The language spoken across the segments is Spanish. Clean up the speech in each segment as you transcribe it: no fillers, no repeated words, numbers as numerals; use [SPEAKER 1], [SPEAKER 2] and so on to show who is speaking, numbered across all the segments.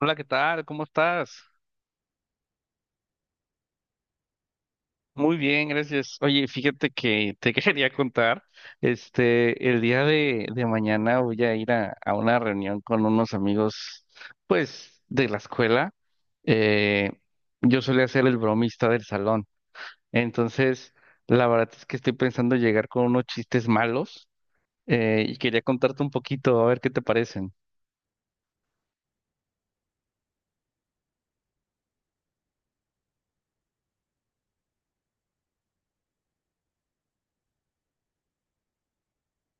[SPEAKER 1] Hola, ¿qué tal? ¿Cómo estás? Muy bien, gracias. Oye, fíjate que te quería contar, este, el día de mañana voy a ir a una reunión con unos amigos, pues, de la escuela. Eh, yo solía ser el bromista del salón, entonces, la verdad es que estoy pensando llegar con unos chistes malos, y quería contarte un poquito, a ver qué te parecen.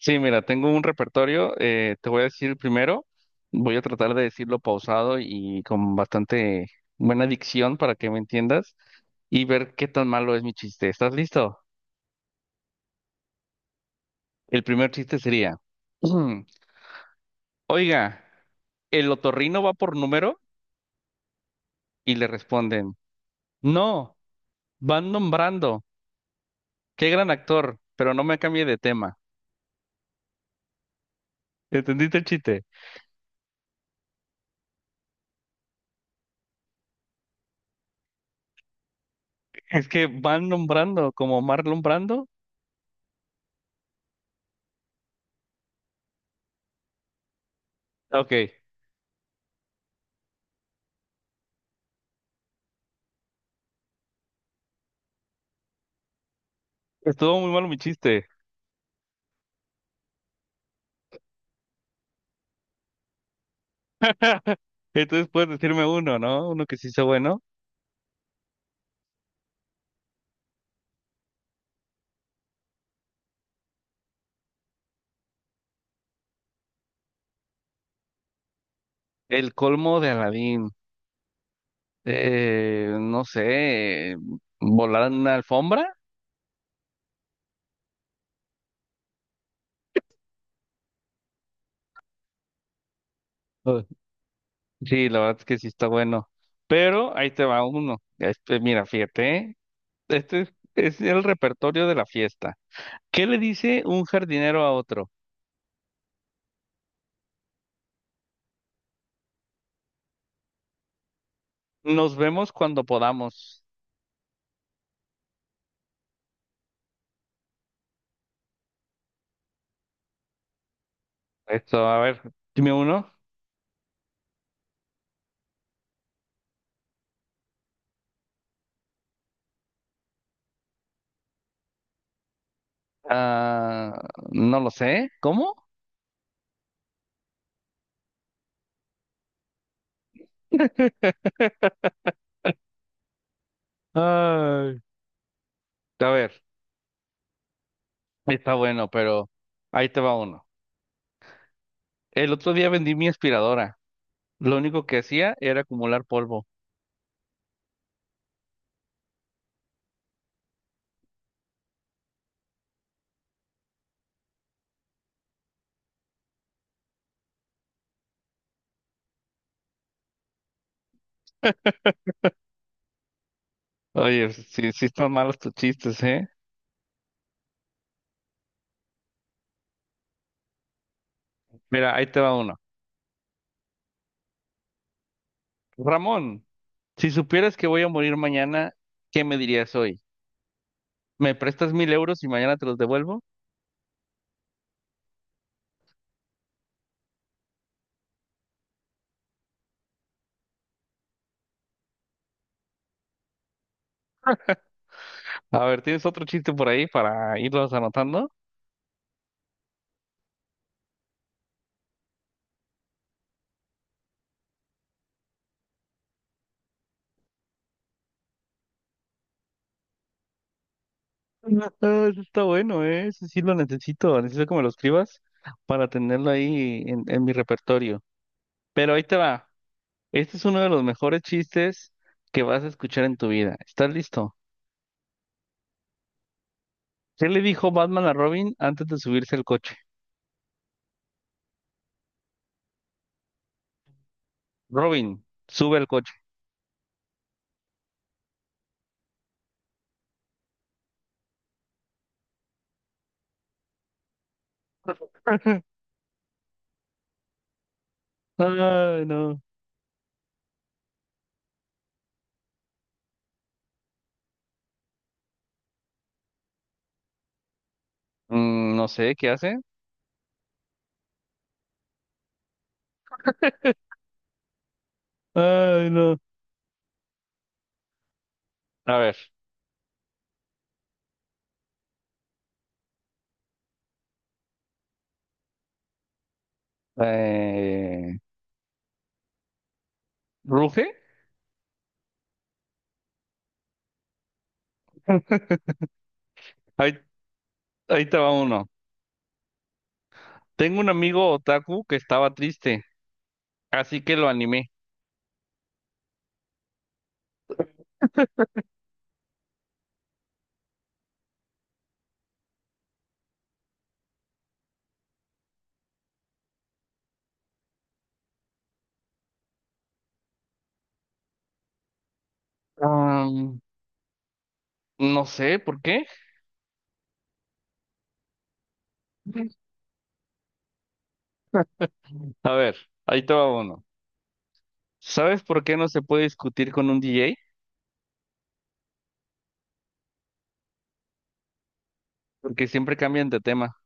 [SPEAKER 1] Sí, mira, tengo un repertorio. Te voy a decir el primero, voy a tratar de decirlo pausado y con bastante buena dicción para que me entiendas y ver qué tan malo es mi chiste. ¿Estás listo? El primer chiste sería, oiga, ¿el otorrino va por número? Y le responden, no, van nombrando. Qué gran actor, pero no me cambie de tema. ¿Entendiste el chiste? Es que van nombrando, como Marlon Brando. Ok, estuvo muy malo mi chiste. Entonces puedes decirme uno, ¿no? Uno que sí sea bueno. El colmo de Aladín. No sé, volar en una alfombra. Uh, Sí, la verdad es que sí está bueno. Pero ahí te va uno. Este, mira, fíjate, ¿eh? Este es el repertorio de la fiesta. ¿Qué le dice un jardinero a otro? Nos vemos cuando podamos. Esto, a ver, dime uno. Ah, no lo sé. ¿Cómo? Ay. A ver. Está bueno, pero ahí te va uno. El otro día vendí mi aspiradora. Lo único que hacía era acumular polvo. Oye, sí, sí están malos tus chistes, ¿eh? Mira, ahí te va uno. Ramón, si supieras que voy a morir mañana, ¿qué me dirías hoy? ¿Me prestas 1000 euros y mañana te los devuelvo? A ver, ¿tienes otro chiste por ahí para irlos anotando? Ah, ese está bueno, ¿eh? Ese sí lo necesito. Necesito que me lo escribas para tenerlo ahí en mi repertorio. Pero ahí te va. Este es uno de los mejores chistes que vas a escuchar en tu vida. ¿Estás listo? ¿Qué le dijo Batman a Robin antes de subirse al coche? Robin, sube al coche. Ay, no. Mm, no sé, ¿qué hace? Ay, no. A ver. eh, ¿Ruge? Ahí, ahí te va uno. Tengo un amigo otaku que estaba triste, así que lo animé. Am, no sé, ¿por qué? A ver, ahí te va uno. ¿Sabes por qué no se puede discutir con un DJ? Porque siempre cambian de tema.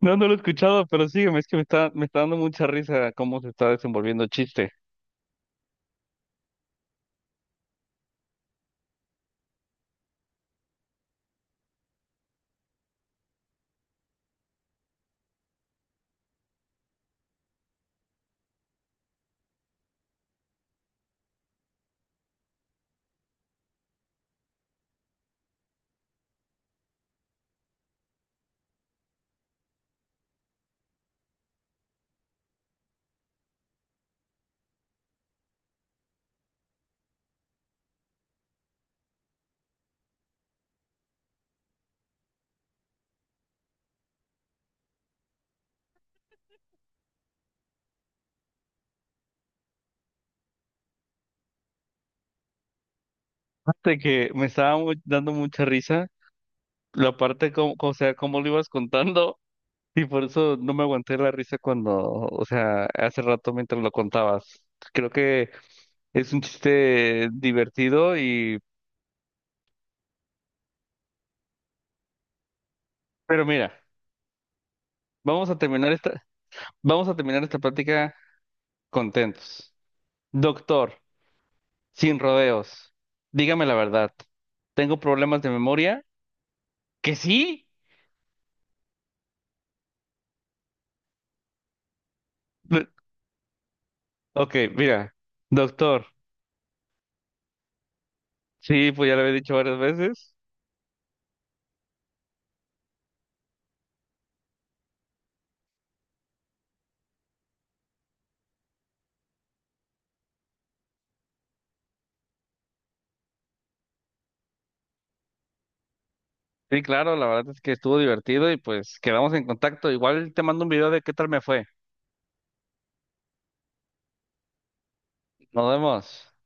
[SPEAKER 1] No, no lo he escuchado, pero sígueme, es que me está dando mucha risa cómo se está desenvolviendo el chiste. Aparte que dando mucha risa la parte, como, o sea, cómo lo ibas contando, y por eso no me aguanté la risa cuando, o sea, hace rato mientras lo contabas. Creo que es un chiste divertido y... Pero mira, vamos a terminar esta, vamos a terminar esta plática contentos. Doctor. Sin rodeos. Dígame la verdad. ¿Tengo problemas de memoria? ¿Que sí? Lo- Ok, mira. Doctor. Sí, pues ya lo había dicho varias veces. Sí, claro, la verdad es que estuvo divertido y pues quedamos en contacto. Igual te mando un video de qué tal me fue. Nos vemos.